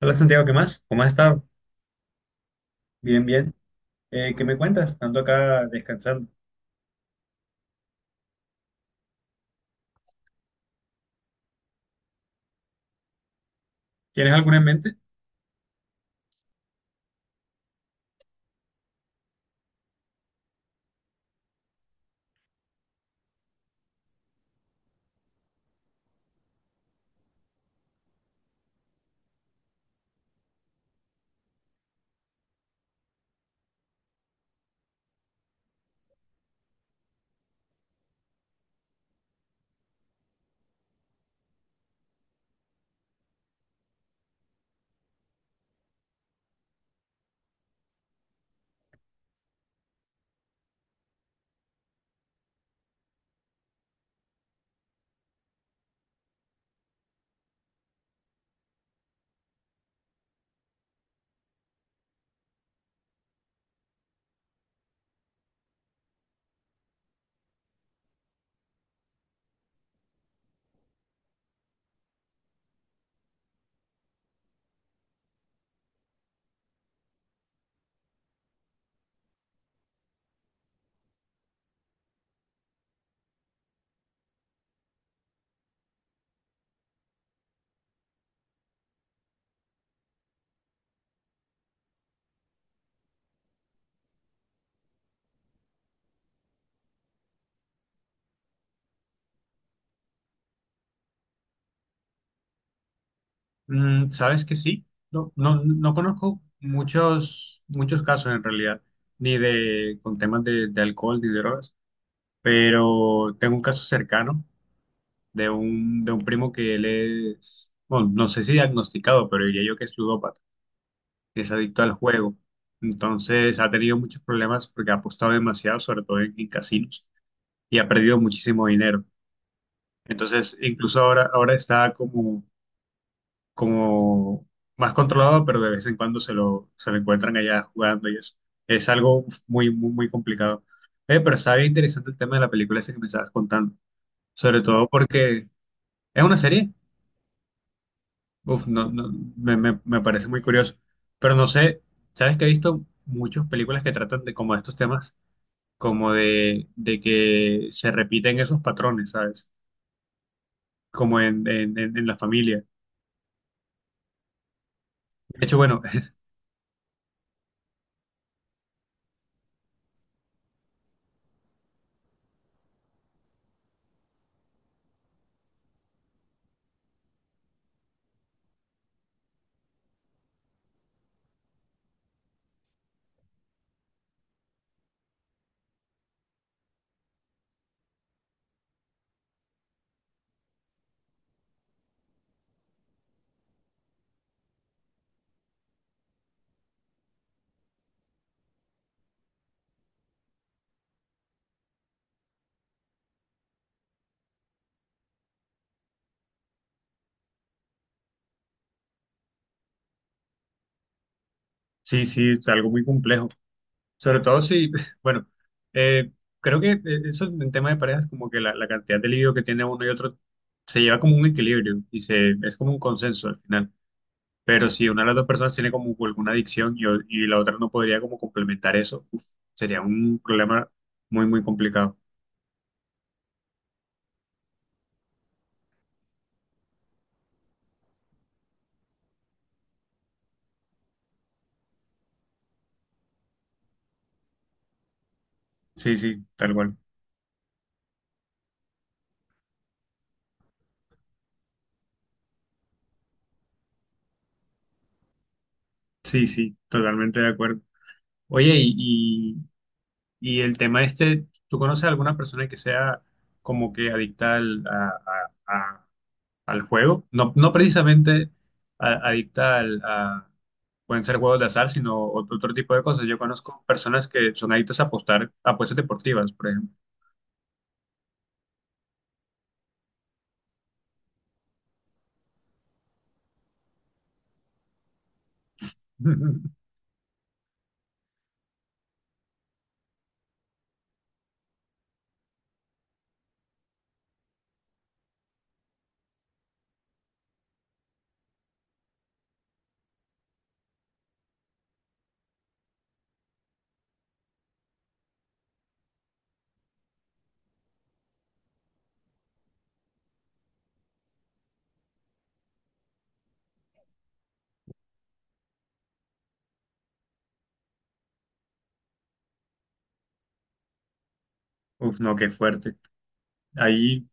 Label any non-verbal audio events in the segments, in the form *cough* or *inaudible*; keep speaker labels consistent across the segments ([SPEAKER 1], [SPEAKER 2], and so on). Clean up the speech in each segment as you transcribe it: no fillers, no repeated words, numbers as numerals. [SPEAKER 1] Hola Santiago, ¿qué más? ¿Cómo has estado? Bien, bien. ¿Qué me cuentas? Ando acá descansando. ¿Tienes alguna en mente? Mm, sabes que sí, no, no conozco muchos casos en realidad, ni de con temas de alcohol ni drogas, pero tengo un caso cercano de un primo que él es, bueno, no sé si diagnosticado, pero diría yo que es ludópata, que es adicto al juego. Entonces ha tenido muchos problemas porque ha apostado demasiado, sobre todo en casinos, y ha perdido muchísimo dinero. Entonces, incluso ahora está como, como más controlado, pero de vez en cuando se lo encuentran allá jugando y eso. Es algo muy, muy, muy complicado. Pero está bien interesante el tema de la película esa que me estabas contando. Sobre todo porque es una serie. Uf, no, no, me parece muy curioso. Pero no sé, sabes que he visto muchas películas que tratan de como de estos temas, como de que se repiten esos patrones, ¿sabes? Como en, en la familia. De hecho, bueno, sí, sí, es algo muy complejo. Sobre todo si, *laughs* bueno, eh, creo que eso en tema de parejas, como que la cantidad de libido que tiene uno y otro se lleva como un equilibrio y se, es como un consenso al final. Pero si una de las dos personas tiene como alguna adicción y la otra no podría como complementar eso, uf, sería un problema muy, muy complicado. Sí, sí, tal cual. Sí, sí, totalmente de acuerdo. Oye, y, y el tema este, ¿tú conoces a alguna persona que sea como que a, al juego? No, no precisamente adicta al, a, pueden ser juegos de azar, sino otro tipo de cosas. Yo conozco personas que son adictas a apostar a apuestas deportivas, por ejemplo. *laughs* Uf, no, qué fuerte. Ahí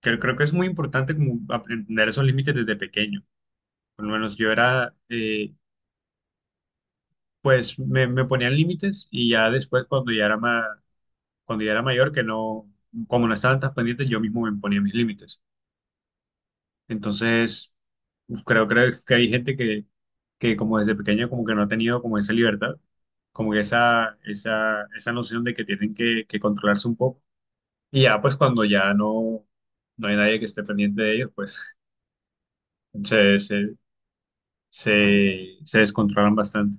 [SPEAKER 1] creo que es muy importante como aprender esos límites desde pequeño. Por lo menos yo era, pues me ponían límites y ya después cuando ya era cuando ya era mayor, que no, como no estaban tan pendientes, yo mismo me ponía mis límites. Entonces, uf, creo que hay gente que como desde pequeño como que no ha tenido como esa libertad, como que esa noción de que tienen que controlarse un poco. Y ya pues cuando ya no, no hay nadie que esté pendiente de ellos, pues *laughs* se, se, se descontrolan bastante.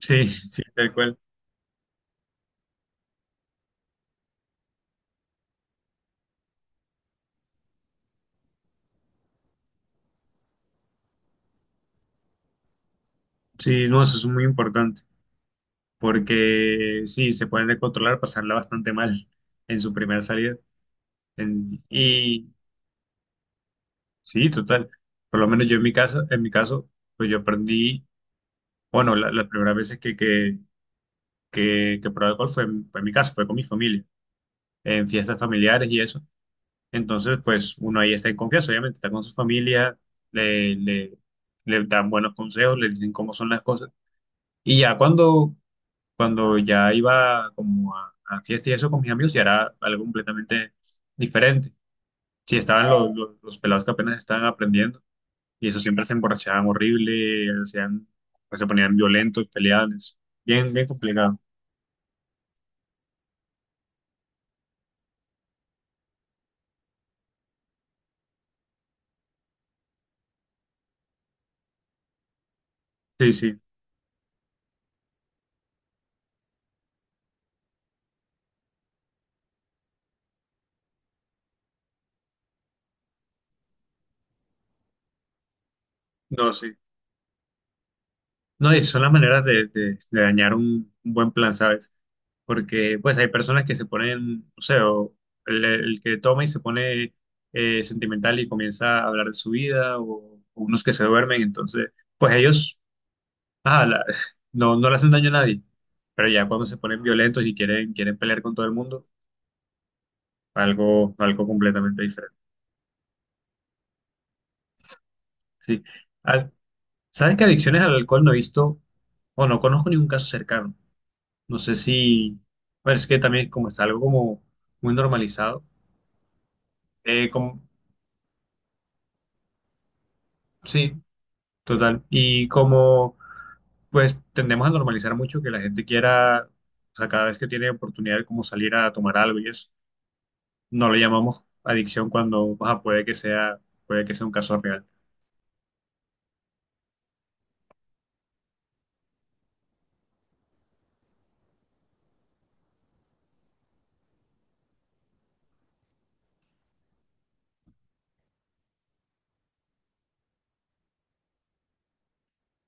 [SPEAKER 1] Sí, *laughs* sí, tal cual. Sí, no, eso es muy importante, porque sí, se pueden descontrolar, pasarla bastante mal en su primera salida. En- y, Sí, total. Por lo menos yo en mi caso, pues yo aprendí, bueno, las primeras veces que probé alcohol fue, fue en mi casa, fue con mi familia, en fiestas familiares y eso. Entonces, pues uno ahí está en confianza, obviamente, está con su familia, le, le, le dan buenos consejos, le dicen cómo son las cosas. Y ya cuando, cuando ya iba como a fiestas y eso con mis amigos, ya era algo completamente diferente. Si estaban los pelados que apenas estaban aprendiendo y eso siempre se emborrachaban horrible, hacían, pues, se ponían violentos, peleables. Bien, bien complicado. Sí, sí. No, sí. No, y son las maneras de, de dañar un buen plan, ¿sabes? Porque, pues, hay personas que se ponen, o sea, o el que toma y se pone sentimental y comienza a hablar de su vida, o unos que se duermen, entonces, pues ellos, ah, *laughs* no, no le hacen daño a nadie. Pero ya cuando se ponen violentos y quieren, quieren pelear con todo el mundo, algo, algo completamente diferente. Sí. Al- ¿sabes que adicciones al alcohol no he visto o no conozco ningún caso cercano? No sé si, bueno, es que también como está algo como muy normalizado. Como, sí, total. Y como pues tendemos a normalizar mucho que la gente quiera, o sea, cada vez que tiene oportunidad de como salir a tomar algo y eso, no lo llamamos adicción cuando, o sea, puede que sea un caso real.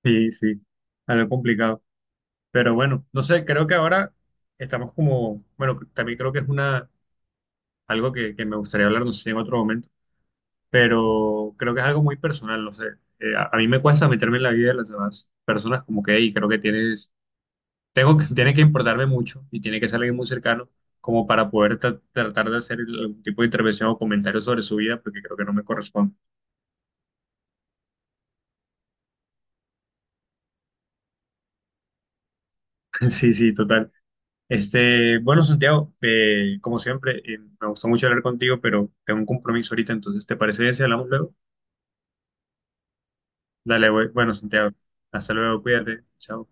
[SPEAKER 1] Sí, sí, algo complicado. Pero bueno, no sé, creo que ahora estamos como, bueno, también creo que es una algo que me gustaría hablar, no sé si en otro momento, pero creo que es algo muy personal, no sé. A mí me cuesta meterme en la vida de las demás personas, como que, y creo que tienes, tengo que, *laughs* tiene que importarme mucho y tiene que ser alguien muy cercano como para poder tratar de hacer algún tipo de intervención o comentario sobre su vida, porque creo que no me corresponde. *laughs* Sí, sí, total. Este, bueno, Santiago, como siempre, me gustó mucho hablar contigo, pero tengo un compromiso ahorita, entonces, ¿te parece bien si hablamos luego? Dale, güey. Bueno, Santiago, hasta luego, cuídate, chao.